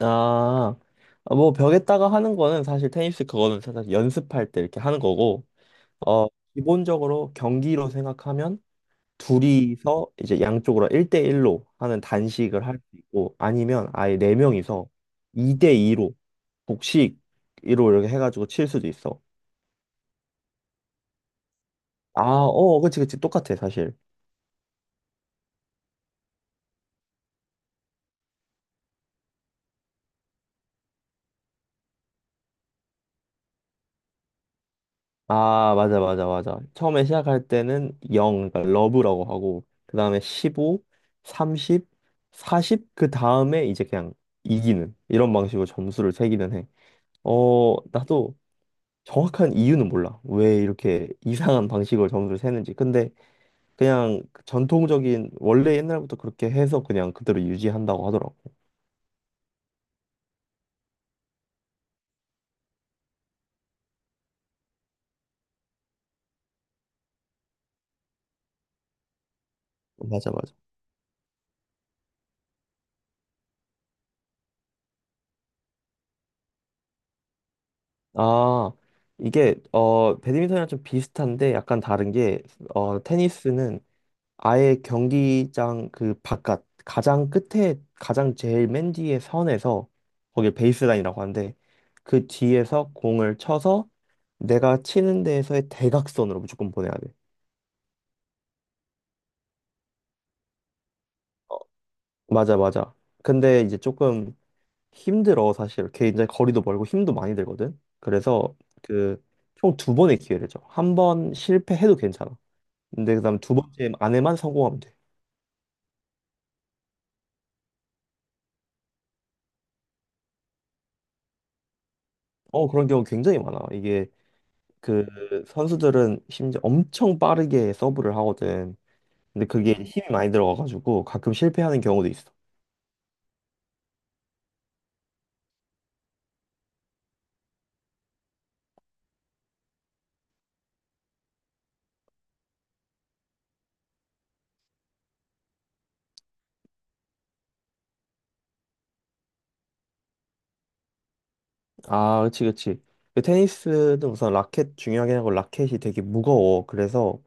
아, 아, 뭐 벽에다가 하는 거는 사실 테니스 그거는 사실 연습할 때 이렇게 하는 거고, 어, 기본적으로 경기로 생각하면 둘이서 이제 양쪽으로 1대1로 하는 단식을 할 수 있고, 아니면 아예 네명이서 2대2로 복식으로 이렇게 해가지고 칠 수도 있어. 아, 그치, 그치. 똑같아, 사실. 아, 맞아, 맞아, 맞아. 처음에 시작할 때는 0, 그러니까 러브라고 하고, 그 다음에 15, 30, 40, 그 다음에 이제 그냥 이기는, 이런 방식으로 점수를 세기는 해. 나도 정확한 이유는 몰라. 왜 이렇게 이상한 방식으로 점수를 세는지. 근데 그냥 그 전통적인, 원래 옛날부터 그렇게 해서 그냥 그대로 유지한다고 하더라고. 맞아, 맞아. 아, 이게, 배드민턴이랑 좀 비슷한데 약간 다른 게, 테니스는 아예 경기장 그 바깥 가장 끝에 가장 제일 맨 뒤에 선에서 거기 베이스라인이라고 하는데 그 뒤에서 공을 쳐서 내가 치는 데에서의 대각선으로 무조건 보내야 돼. 맞아 맞아. 근데 이제 조금 힘들어 사실. 굉장히 거리도 멀고 힘도 많이 들거든. 그래서 그 총 두 번의 기회를 줘. 한 번 실패해도 괜찮아. 근데 그다음 두 번째 안에만 성공하면 돼. 그런 경우 굉장히 많아. 이게 그 선수들은 심지어 엄청 빠르게 서브를 하거든. 근데 그게 힘이 많이 들어가가지고 가끔 실패하는 경우도 있어. 아, 그치, 그치. 그 테니스는 우선 라켓 중요하긴 하고 라켓이 되게 무거워. 그래서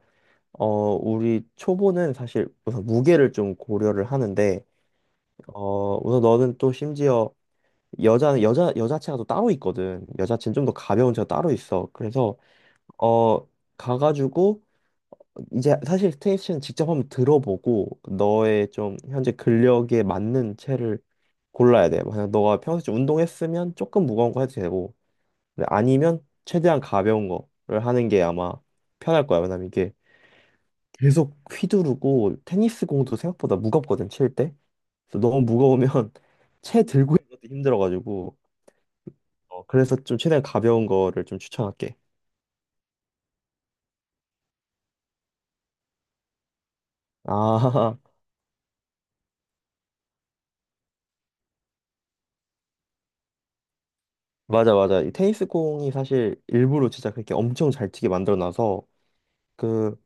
어 우리 초보는 사실 우선 무게를 좀 고려를 하는데 우선 너는 또 심지어 여자는 여자체가 또 따로 있거든. 여자체는 좀 더 가벼운 체가 따로 있어. 그래서 어 가가지고 이제 사실 스테이션 직접 한번 들어보고 너의 좀 현재 근력에 맞는 채를 골라야 돼. 만약 너가 평소에 좀 운동했으면 조금 무거운 거 해도 되고 근데 아니면 최대한 가벼운 거를 하는 게 아마 편할 거야. 왜냐면 이게 계속 휘두르고 테니스 공도 생각보다 무겁거든 칠 때. 그래서 너무 무거우면 채 들고 있는 것도 힘들어가지고 그래서 좀 최대한 가벼운 거를 좀 추천할게. 아 맞아 맞아 이 테니스 공이 사실 일부러 진짜 그렇게 엄청 잘 튀게 만들어 놔서 그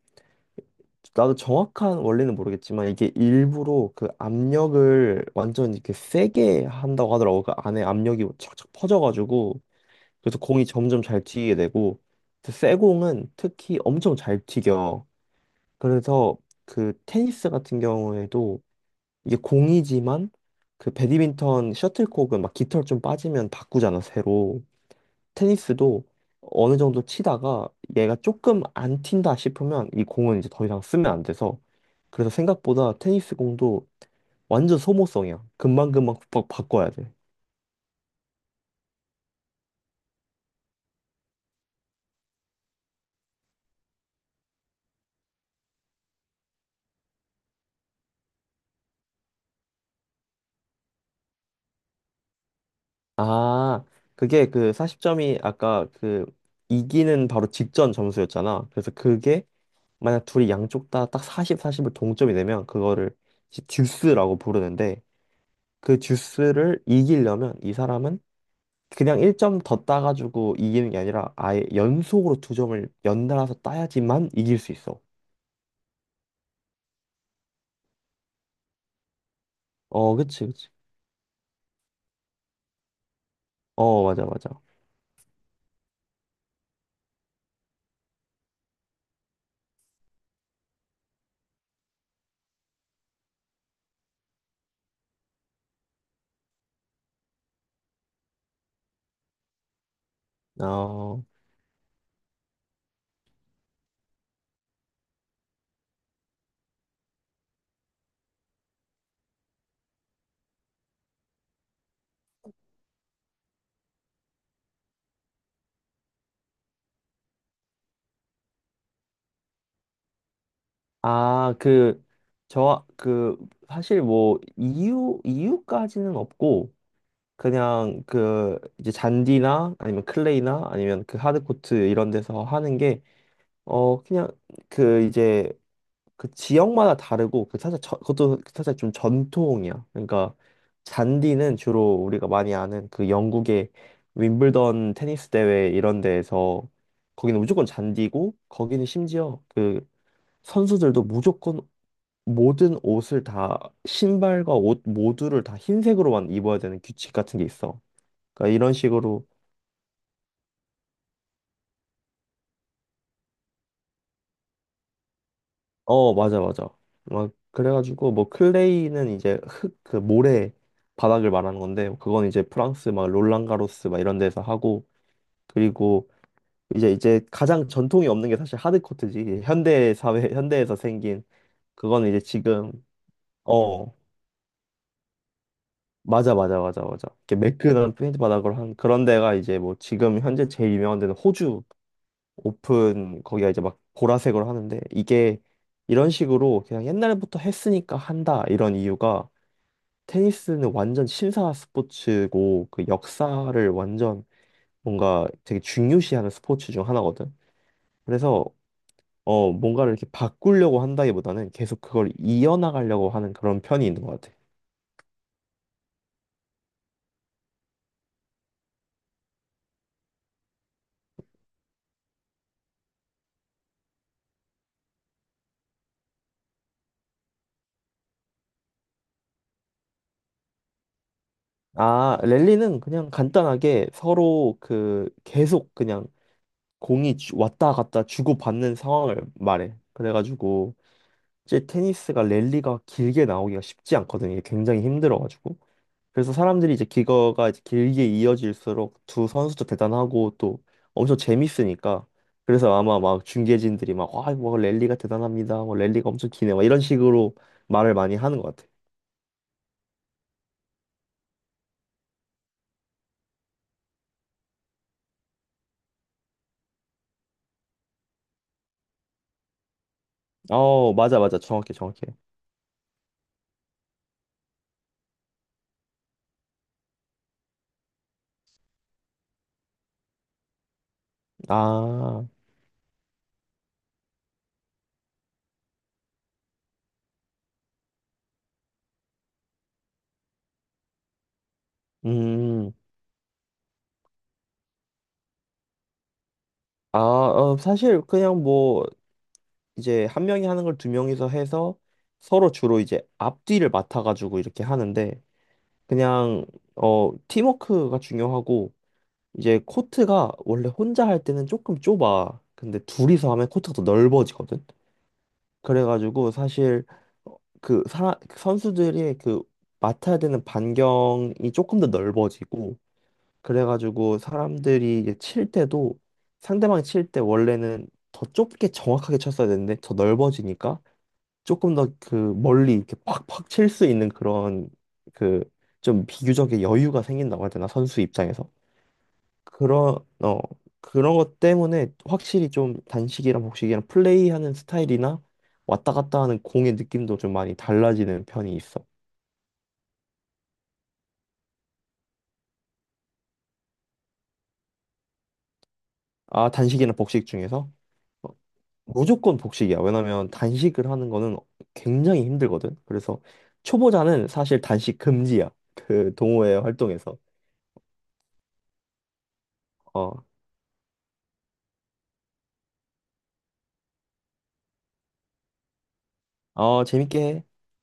나도 정확한 원리는 모르겠지만 이게 일부러 그 압력을 완전 이렇게 세게 한다고 하더라고. 그 안에 압력이 착착 퍼져가지고 그래서 공이 점점 잘 튀게 되고 그래서 세 공은 특히 엄청 잘 튀겨. 그래서 그 테니스 같은 경우에도 이게 공이지만 그 배드민턴 셔틀콕은 막 깃털 좀 빠지면 바꾸잖아 새로. 테니스도 어느 정도 치다가 얘가 조금 안 튄다 싶으면 이 공은 이제 더 이상 쓰면 안 돼서 그래서 생각보다 테니스 공도 완전 소모성이야. 금방금방 바꿔야 돼. 아, 그게 그 40점이 아까 그 이기는 바로 직전 점수였잖아. 그래서 그게 만약 둘이 양쪽 다 딱 40, 40을 동점이 되면 그거를 이제 듀스라고 부르는데 그 듀스를 이기려면 이 사람은 그냥 1점 더 따가지고 이기는 게 아니라 아예 연속으로 두 점을 연달아서 따야지만 이길 수 있어. 그치, 그치. 맞아, 맞아. 어, 아, 그, 저, 그, 사실 뭐, 이유까지는 없고, 그냥 그, 이제 잔디나 아니면 클레이나 아니면 그 하드코트 이런 데서 하는 게, 그냥 그 이제 그 지역마다 다르고 그 사실 저, 그것도 사실 좀 전통이야. 그러니까 잔디는 주로 우리가 많이 아는 그 영국의 윈블던 테니스 대회 이런 데에서 거기는 무조건 잔디고 거기는 심지어 그 선수들도 무조건 모든 옷을 다 신발과 옷 모두를 다 흰색으로만 입어야 되는 규칙 같은 게 있어. 그러니까 이런 식으로 맞아, 맞아. 막, 그래가지고, 뭐, 클레이는 이제 흙, 그 모래 바닥을 말하는 건데, 그건 이제 프랑스, 막, 롤랑가로스, 막, 이런 데서 하고, 그리고 이제 가장 전통이 없는 게 사실 하드코트지. 이제 현대 사회, 현대에서 생긴, 그거는 이제 지금, 어, 맞아, 맞아, 맞아, 맞아. 이렇게 매끈한 페인트 바닥으로 한 그런 데가 이제 뭐, 지금 현재 제일 유명한 데는 호주 오픈, 거기가 이제 막, 보라색으로 하는데, 이게, 이런 식으로 그냥 옛날부터 했으니까 한다, 이런 이유가, 테니스는 완전 신사 스포츠고 그 역사를 완전 뭔가 되게 중요시하는 스포츠 중 하나거든. 그래서 뭔가를 이렇게 바꾸려고 한다기보다는 계속 그걸 이어나가려고 하는 그런 편이 있는 것 같아. 아, 랠리는 그냥 간단하게 서로 그 계속 그냥 공이 왔다 갔다 주고받는 상황을 말해. 그래가지고 이제 테니스가 랠리가 길게 나오기가 쉽지 않거든. 이게 굉장히 힘들어가지고. 그래서 사람들이 이제 기거가 이제 길게 이어질수록 두 선수도 대단하고 또 엄청 재밌으니까 그래서 아마 막 중계진들이 막 와, 뭐 랠리가 대단합니다. 뭐 랠리가 엄청 기네. 막 이런 식으로 말을 많이 하는 것 같아. 맞아, 맞아. 정확해, 정확해. 아, 음. 아, 사실 그냥 뭐 이제 한 명이 하는 걸 두 명이서 해서 서로 주로 이제 앞뒤를 맡아가지고 이렇게 하는데 그냥 팀워크가 중요하고 이제 코트가 원래 혼자 할 때는 조금 좁아. 근데 둘이서 하면 코트가 더 넓어지거든. 그래가지고 사실 그 선수들이 그 맡아야 되는 반경이 조금 더 넓어지고 그래가지고 사람들이 이제 칠 때도 상대방이 칠 때 원래는 더 좁게 정확하게 쳤어야 되는데 더 넓어지니까 조금 더 그 멀리 이렇게 팍팍 칠 수 있는 그런 그 좀 비교적인 여유가 생긴다고 해야 되나 선수 입장에서 그런 어 그런 것 때문에 확실히 좀 단식이랑 복식이랑 플레이하는 스타일이나 왔다 갔다 하는 공의 느낌도 좀 많이 달라지는 편이 있어. 아, 단식이나 복식 중에서 어, 무조건 복식이야. 왜냐면 단식을 하는 거는 굉장히 힘들거든. 그래서 초보자는 사실 단식 금지야. 그 동호회 활동에서. 어, 어, 재밌게 해.